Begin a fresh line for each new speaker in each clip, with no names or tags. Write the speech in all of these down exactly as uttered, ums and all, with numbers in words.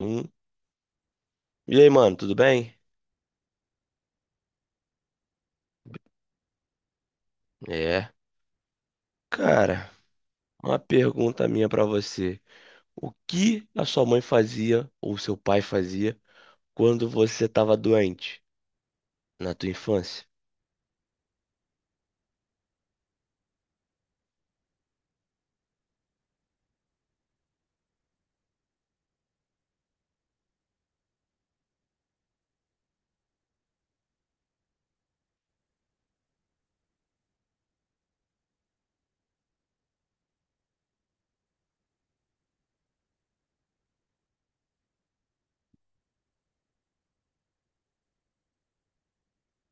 Hum. E aí, mano, tudo bem? É. Cara, uma pergunta minha pra você. O que a sua mãe fazia ou seu pai fazia quando você tava doente na tua infância?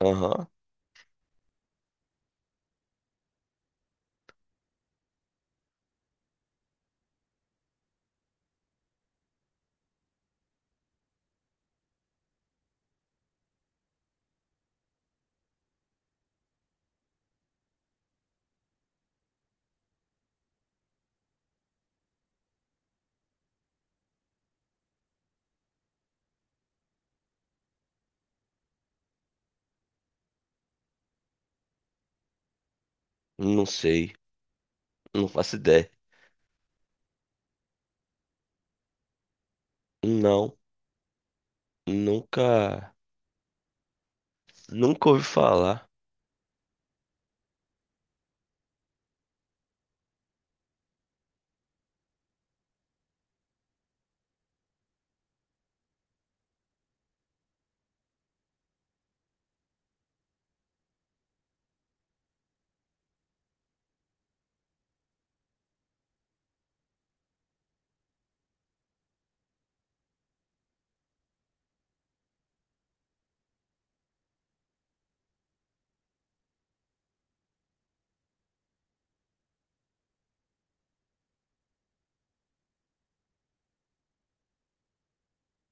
Aham. Não sei. Não faço ideia. Não. Nunca. Nunca ouvi falar.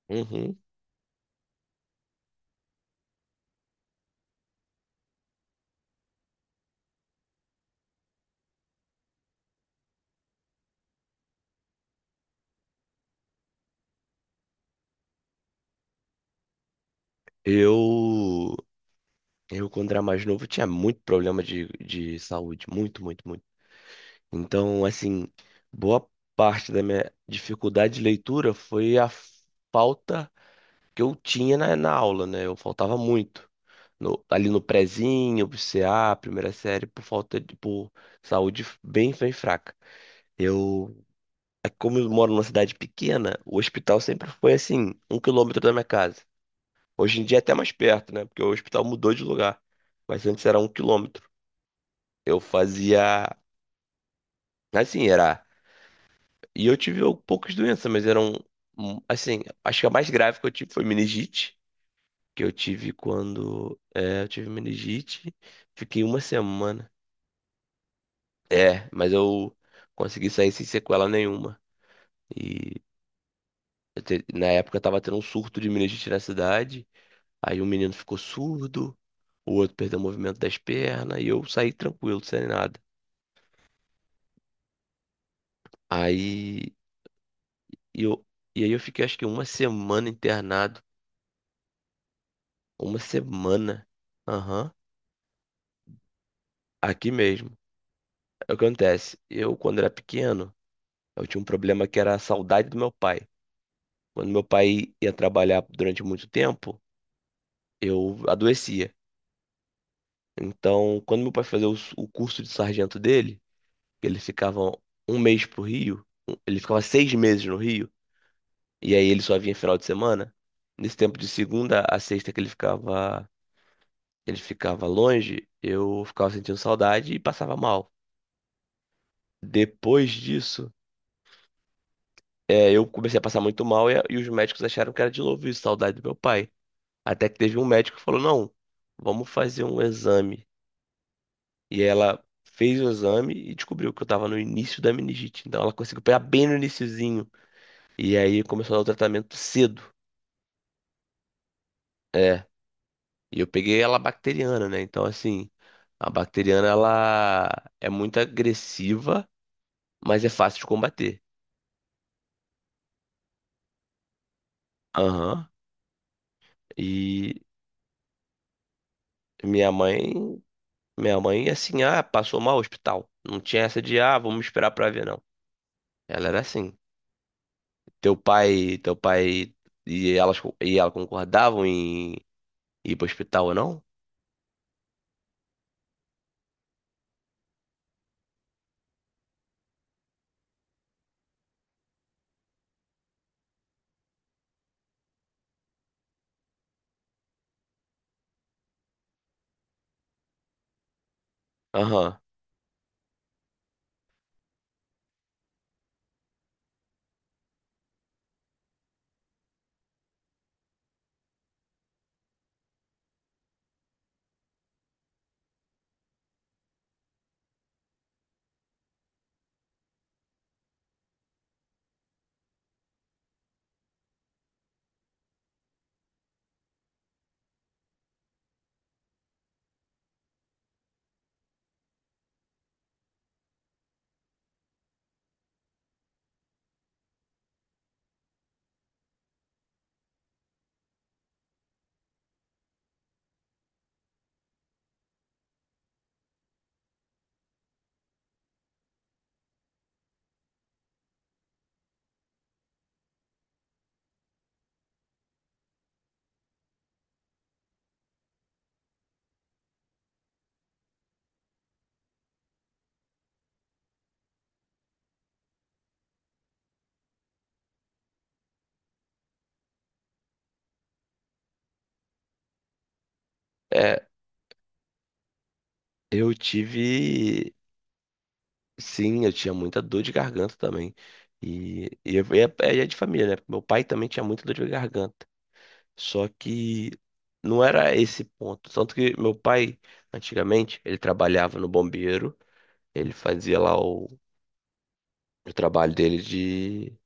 Uhum. Eu. Eu, quando era mais novo, tinha muito problema de, de saúde. Muito, muito, muito. Então, assim, boa parte da minha dificuldade de leitura foi a falta que eu tinha na, na aula, né? Eu faltava muito. No- ali no prezinho, pro C A, primeira série, por falta de, por saúde bem, bem fraca. Eu, é como eu moro numa cidade pequena, o hospital sempre foi assim, um quilômetro da minha casa. Hoje em dia é até mais perto, né? Porque o hospital mudou de lugar. Mas antes era um quilômetro. Eu fazia, assim, era. E eu tive al- poucas doenças, mas eram, hum, assim, acho que a mais grave que eu tive foi meningite, que eu tive quando, é, eu tive meningite, fiquei uma semana. É, mas eu consegui sair sem sequela nenhuma. E eu te- na época eu tava tendo um surto de meningite na cidade, aí um menino ficou surdo, o outro perdeu o movimento das pernas, e eu saí tranquilo, sem nada. Aí eu, e aí eu fiquei acho que uma semana internado, uma semana. Aham. Aqui mesmo. É o que acontece. Eu, quando era pequeno, eu tinha um problema que era a saudade do meu pai. Quando meu pai ia trabalhar durante muito tempo, eu adoecia. Então, quando meu pai fazia o, s- o curso de sargento dele, ele ficava um mês pro Rio, um- ele ficava seis meses no Rio, e aí ele só vinha final de semana. Nesse tempo de segunda a sexta que ele ficava, ele ficava longe, eu ficava sentindo saudade e passava mal. Depois disso é, eu comecei a passar muito mal e, e os médicos acharam que era de novo isso, saudade do meu pai. Até que teve um médico que falou: não, vamos fazer um exame. E ela fez o exame e descobriu que eu tava no início da meningite. Então ela conseguiu pegar bem no iniciozinho. E aí começou a dar o tratamento cedo. É, e eu peguei ela bacteriana, né? Então, assim, a bacteriana ela é muito agressiva, mas é fácil de combater. Aham. E minha mãe. Minha mãe, assim, ah, passou mal no hospital. Não tinha essa de, ah, vamos esperar pra ver, não. Ela era assim. Teu pai, teu pai e elas e ela concordavam em ir pro hospital ou não? Aham. É, eu tive, sim, eu tinha muita dor de garganta também. E, e eu- e é, é de família, né? Meu pai também tinha muita dor de garganta. Só que não era esse ponto. Tanto que meu pai, antigamente, ele trabalhava no bombeiro. Ele fazia lá o trabalho dele de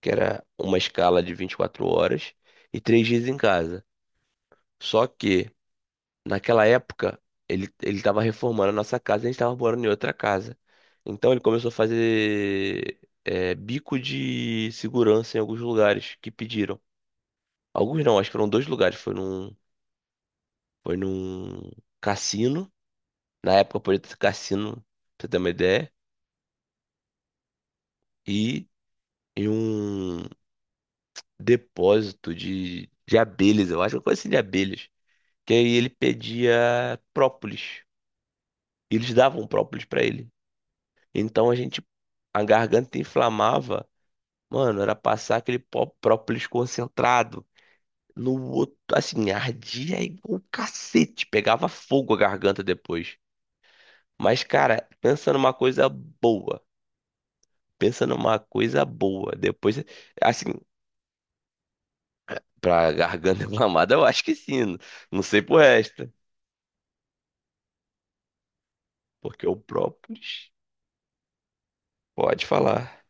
que era uma escala de vinte e quatro horas e três dias em casa. Só que naquela época ele ele estava reformando a nossa casa e a gente estava morando em outra casa. Então ele começou a fazer é, bico de segurança em alguns lugares que pediram. Alguns não, acho que foram dois lugares. Foi num foi num cassino. Na época podia ter cassino, pra você ter uma ideia. E em um depósito de, de abelhas, eu acho, uma coisa assim de abelhas, que aí ele pedia própolis. E eles davam própolis pra ele. Então a gente, a garganta inflamava, mano, era passar aquele pó- própolis concentrado no outro, assim, ardia igual um cacete, pegava fogo a garganta depois. Mas, cara, pensa numa coisa boa. Pensa numa coisa boa. Depois, assim, pra garganta inflamada, eu acho que sim. Não não sei pro resto. Porque o própolis, pode falar.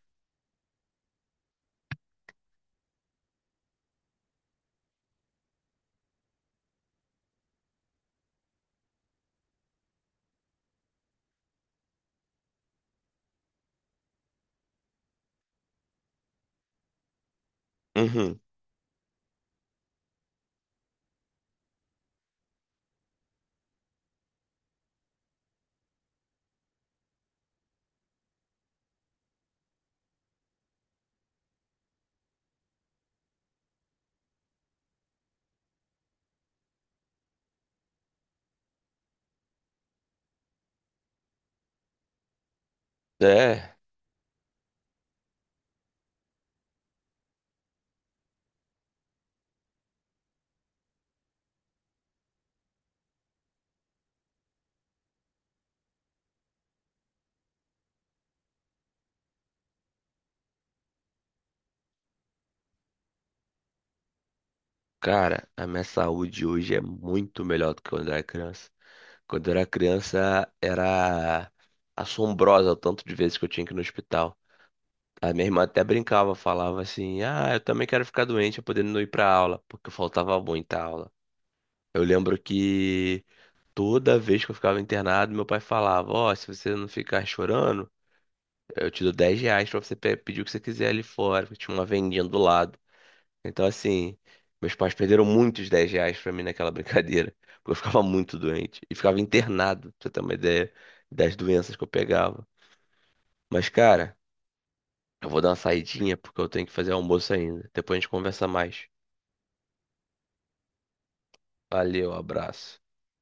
Uhum. É. Cara, a minha saúde hoje é muito melhor do que quando eu era criança. Quando eu era criança, era assombrosa o tanto de vezes que eu tinha que ir no hospital. A minha irmã até brincava, falava assim: Ah, eu também quero ficar doente, eu podendo não ir pra aula, porque eu faltava muita aula. Eu lembro que toda vez que eu ficava internado, meu pai falava: Ó, se você não ficar chorando, eu te dou dez reais pra você pe- pedir o que você quiser ali fora, porque tinha uma vendinha do lado. Então, assim, meus pais perderam muitos dez reais pra mim naquela brincadeira. Porque eu ficava muito doente. E ficava internado, pra você ter uma ideia das doenças que eu pegava. Mas, cara, eu vou dar uma saidinha porque eu tenho que fazer almoço ainda. Depois a gente conversa mais. Valeu, abraço.